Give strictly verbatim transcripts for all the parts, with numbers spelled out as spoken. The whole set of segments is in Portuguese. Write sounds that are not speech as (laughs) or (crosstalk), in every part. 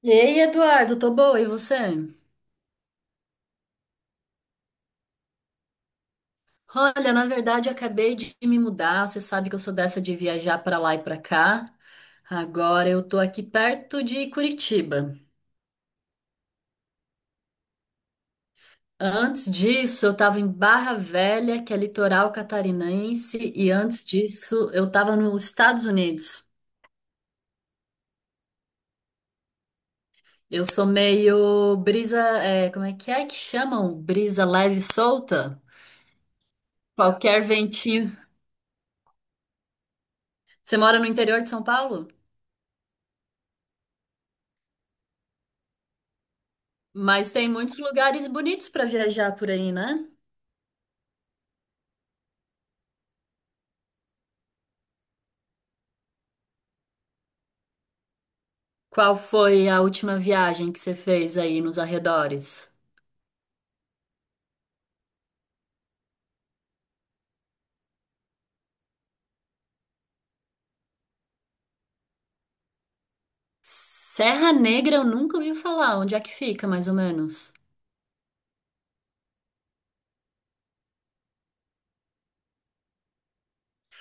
E aí, Eduardo, tô boa, e você? Olha, na verdade, acabei de me mudar. Você sabe que eu sou dessa de viajar pra lá e pra cá. Agora eu tô aqui perto de Curitiba. Antes disso, eu tava em Barra Velha, que é litoral catarinense, e antes disso, eu tava nos Estados Unidos. Eu sou meio brisa, é, como é que é que chamam? Brisa leve e solta? Qualquer ventinho. Você mora no interior de São Paulo? Mas tem muitos lugares bonitos para viajar por aí, né? Qual foi a última viagem que você fez aí nos arredores? Serra Negra eu nunca ouvi falar. Onde é que fica, mais ou menos?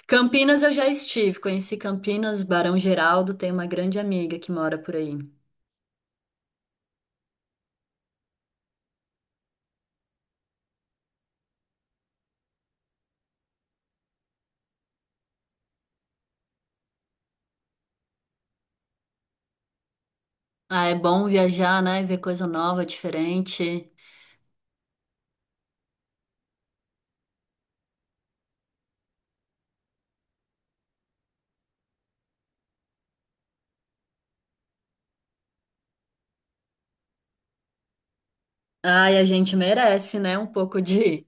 Campinas eu já estive. Conheci Campinas, Barão Geraldo. Tem uma grande amiga que mora por aí. Ah, é bom viajar, né? Ver coisa nova, diferente. Ai, a gente merece, né? Um pouco de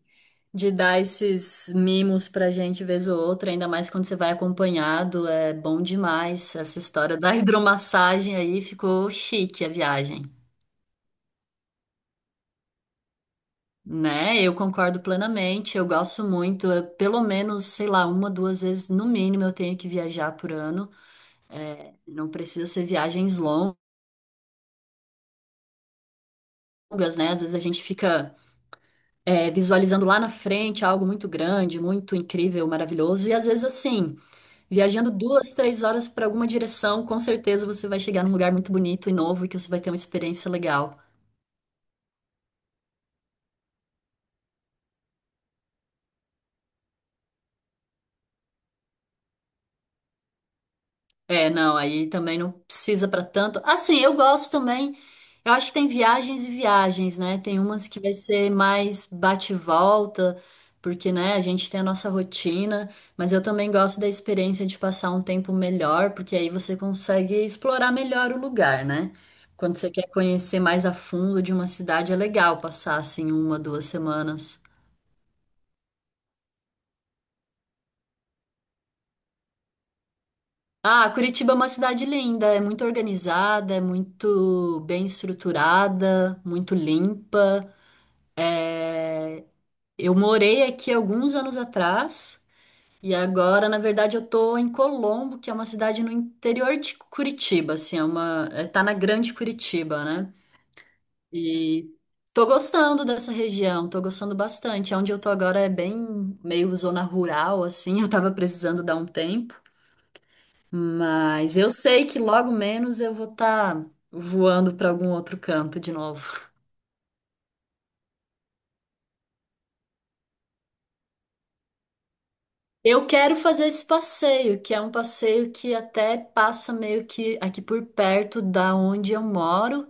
de dar esses mimos pra gente vez ou outra, ainda mais quando você vai acompanhado, é bom demais. Essa história da (laughs) hidromassagem aí ficou chique a viagem, né? Eu concordo plenamente, eu gosto muito, eu- pelo menos, sei lá, uma, duas vezes no mínimo eu tenho que viajar por ano. Não precisa ser viagens longas, né? Às vezes a gente fica é, visualizando lá na frente algo muito grande, muito incrível, maravilhoso, e às vezes assim. Viajando duas, três horas para alguma direção, com certeza você vai chegar num lugar muito bonito e novo e que você vai ter uma experiência legal. É, não, aí também não precisa para tanto. Assim, eu gosto também. Eu acho que tem viagens e viagens, né? Tem umas que vai ser mais bate e volta, porque, né, a gente tem a nossa rotina, mas eu também gosto da experiência de passar um tempo melhor, porque aí você consegue explorar melhor o lugar, né? Quando você quer conhecer mais a fundo de uma cidade, é legal passar assim uma, duas semanas. Ah, Curitiba é uma cidade linda, é muito organizada, é muito bem estruturada, muito limpa. É, eu morei aqui alguns anos atrás e agora, na verdade, eu tô em Colombo, que é uma cidade no interior de Curitiba, assim, é uma... é, tá na Grande Curitiba, né? E tô gostando dessa região, tô gostando bastante. É. Onde eu tô agora é bem meio zona rural, assim, (laughs) eu tava precisando dar um tempo. Mas eu sei que logo menos eu vou estar voando para algum outro canto de novo. Eu quero fazer esse passeio, que é um passeio que até passa meio que aqui por perto da onde eu moro.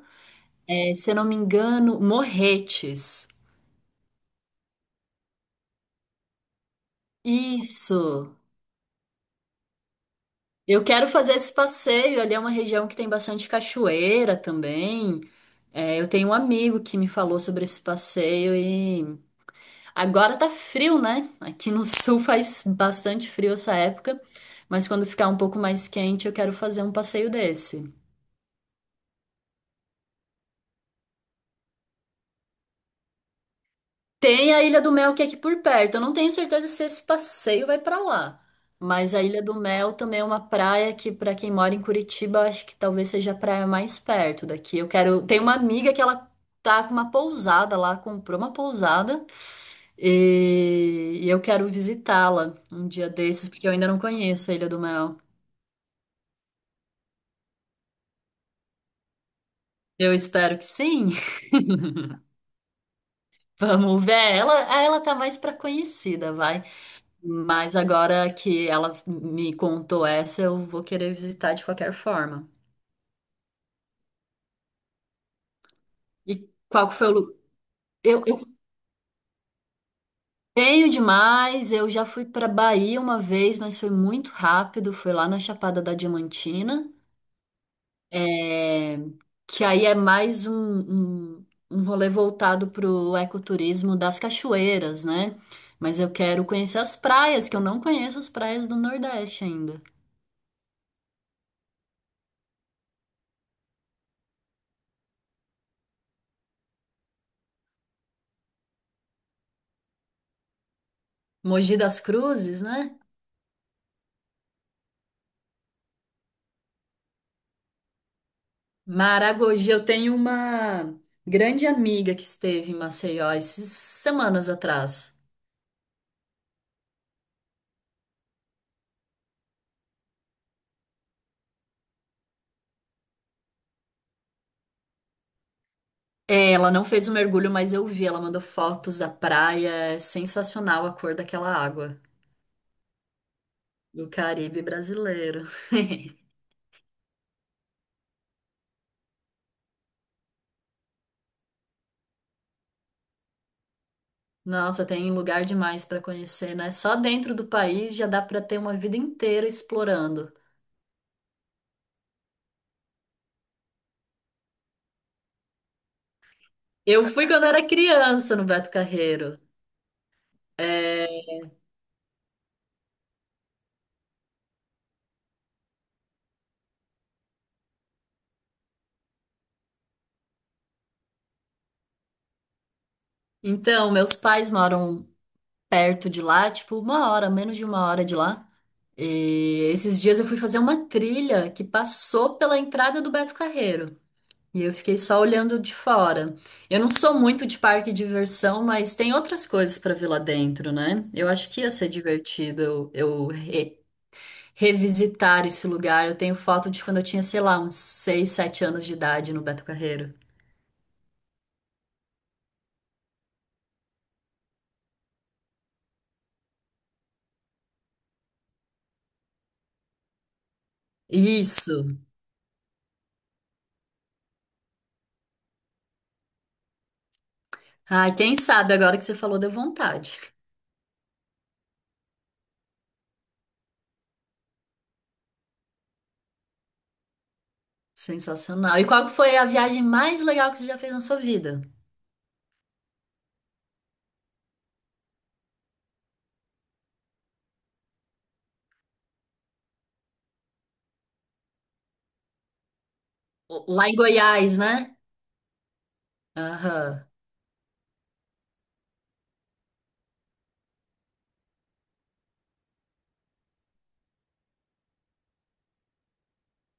É, se eu não me engano, Morretes. Isso. Eu quero fazer esse passeio. Ali é uma região que tem bastante cachoeira também. É, eu tenho um amigo que me falou sobre esse passeio. Agora tá frio, né? Aqui no sul (laughs) faz bastante frio essa época, mas quando ficar um pouco mais quente, eu quero fazer um passeio desse. Tem a Ilha do Mel que é aqui por perto. Eu não tenho certeza se esse passeio vai pra lá, mas a Ilha do Mel também é uma praia que pra quem mora em Curitiba, eu acho que talvez seja a praia mais perto daqui. Eu quero, tem uma amiga que ela tá com uma pousada lá, comprou uma pousada e, e eu quero visitá-la um dia desses porque eu ainda não conheço a Ilha do Mel. Eu espero que sim. (laughs) Vamos ver. Ela, ah, ela tá mais pra conhecida, vai. Mas agora que ela me contou essa, eu vou querer visitar de qualquer forma. E qual que foi o lugar? Eu, eu tenho demais. Eu já fui pra Bahia uma vez, mas foi muito rápido. Foi lá na Chapada da Diamantina. É, que aí é mais um, um, um rolê voltado para o ecoturismo das cachoeiras, né? Mas eu quero conhecer as praias, que eu não conheço as praias do Nordeste ainda. Mogi das Cruzes, né? Maragogi, eu tenho uma grande amiga que esteve em Maceió esses semanas atrás. É, ela não fez o mergulho, mas eu vi, ela mandou fotos da praia, é sensacional a cor daquela água do Caribe brasileiro. (laughs) Nossa, tem lugar demais para conhecer, né? Só dentro do país já dá para ter uma vida inteira explorando. Eu fui quando era criança no Beto Carreiro. É, então, meus pais moram perto de lá, tipo uma hora, menos de uma hora de lá. E esses dias eu fui fazer uma trilha que passou pela entrada do Beto Carreiro. E eu fiquei só olhando de fora. Eu não sou muito de parque e diversão, mas tem outras coisas para ver lá dentro, né? Eu acho que ia ser divertido eu, eu revisitar esse lugar. Eu tenho foto de quando eu tinha, sei lá, uns seis, sete anos de idade no Beto Carreiro. Isso. Ai, quem sabe agora que você falou deu vontade. Sensacional. E qual foi a viagem mais legal que você já fez na sua vida? Lá em Goiás, né? Aham.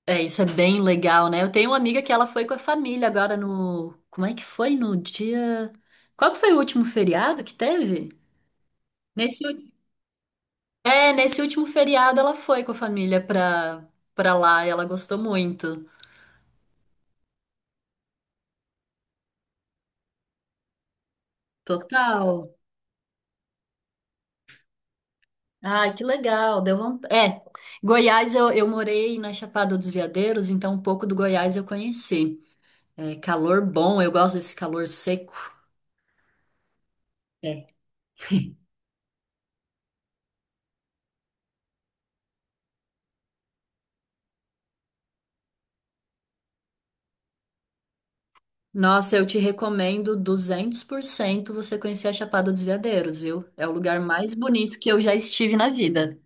É, isso é bem legal, né? Eu tenho uma amiga que ela foi com a família agora no. Como é que foi? No dia. Qual que foi o último feriado que teve? Nesse. É, nesse último feriado ela foi com a família pra, pra lá e ela gostou muito. Total. Ah, que legal. Deu vontade. É, Goiás eu, eu morei na Chapada dos Veadeiros, então um pouco do Goiás eu conheci. É calor bom, eu gosto desse calor seco. É. Nossa, eu te recomendo duzentos por cento você conhecer a Chapada dos Veadeiros, viu? É o lugar mais bonito que eu já estive na vida.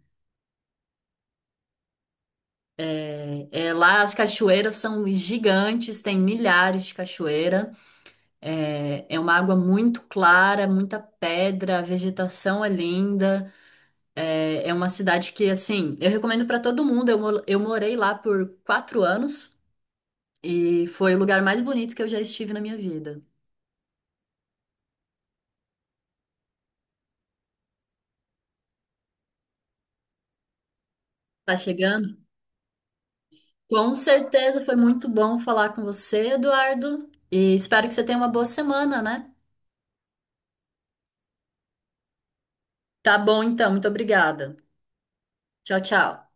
É, é, lá as cachoeiras são gigantes, tem milhares de cachoeiras. É, é uma água muito clara, muita pedra, a vegetação é linda. É, é uma cidade que, assim, eu recomendo para todo mundo. Eu, mo- eu morei lá por quatro anos e foi o lugar mais bonito que eu já estive na minha vida. Tá chegando? Com certeza foi muito bom falar com você, Eduardo, e espero que você tenha uma boa semana, né? Tá bom, então, muito obrigada. Tchau, tchau.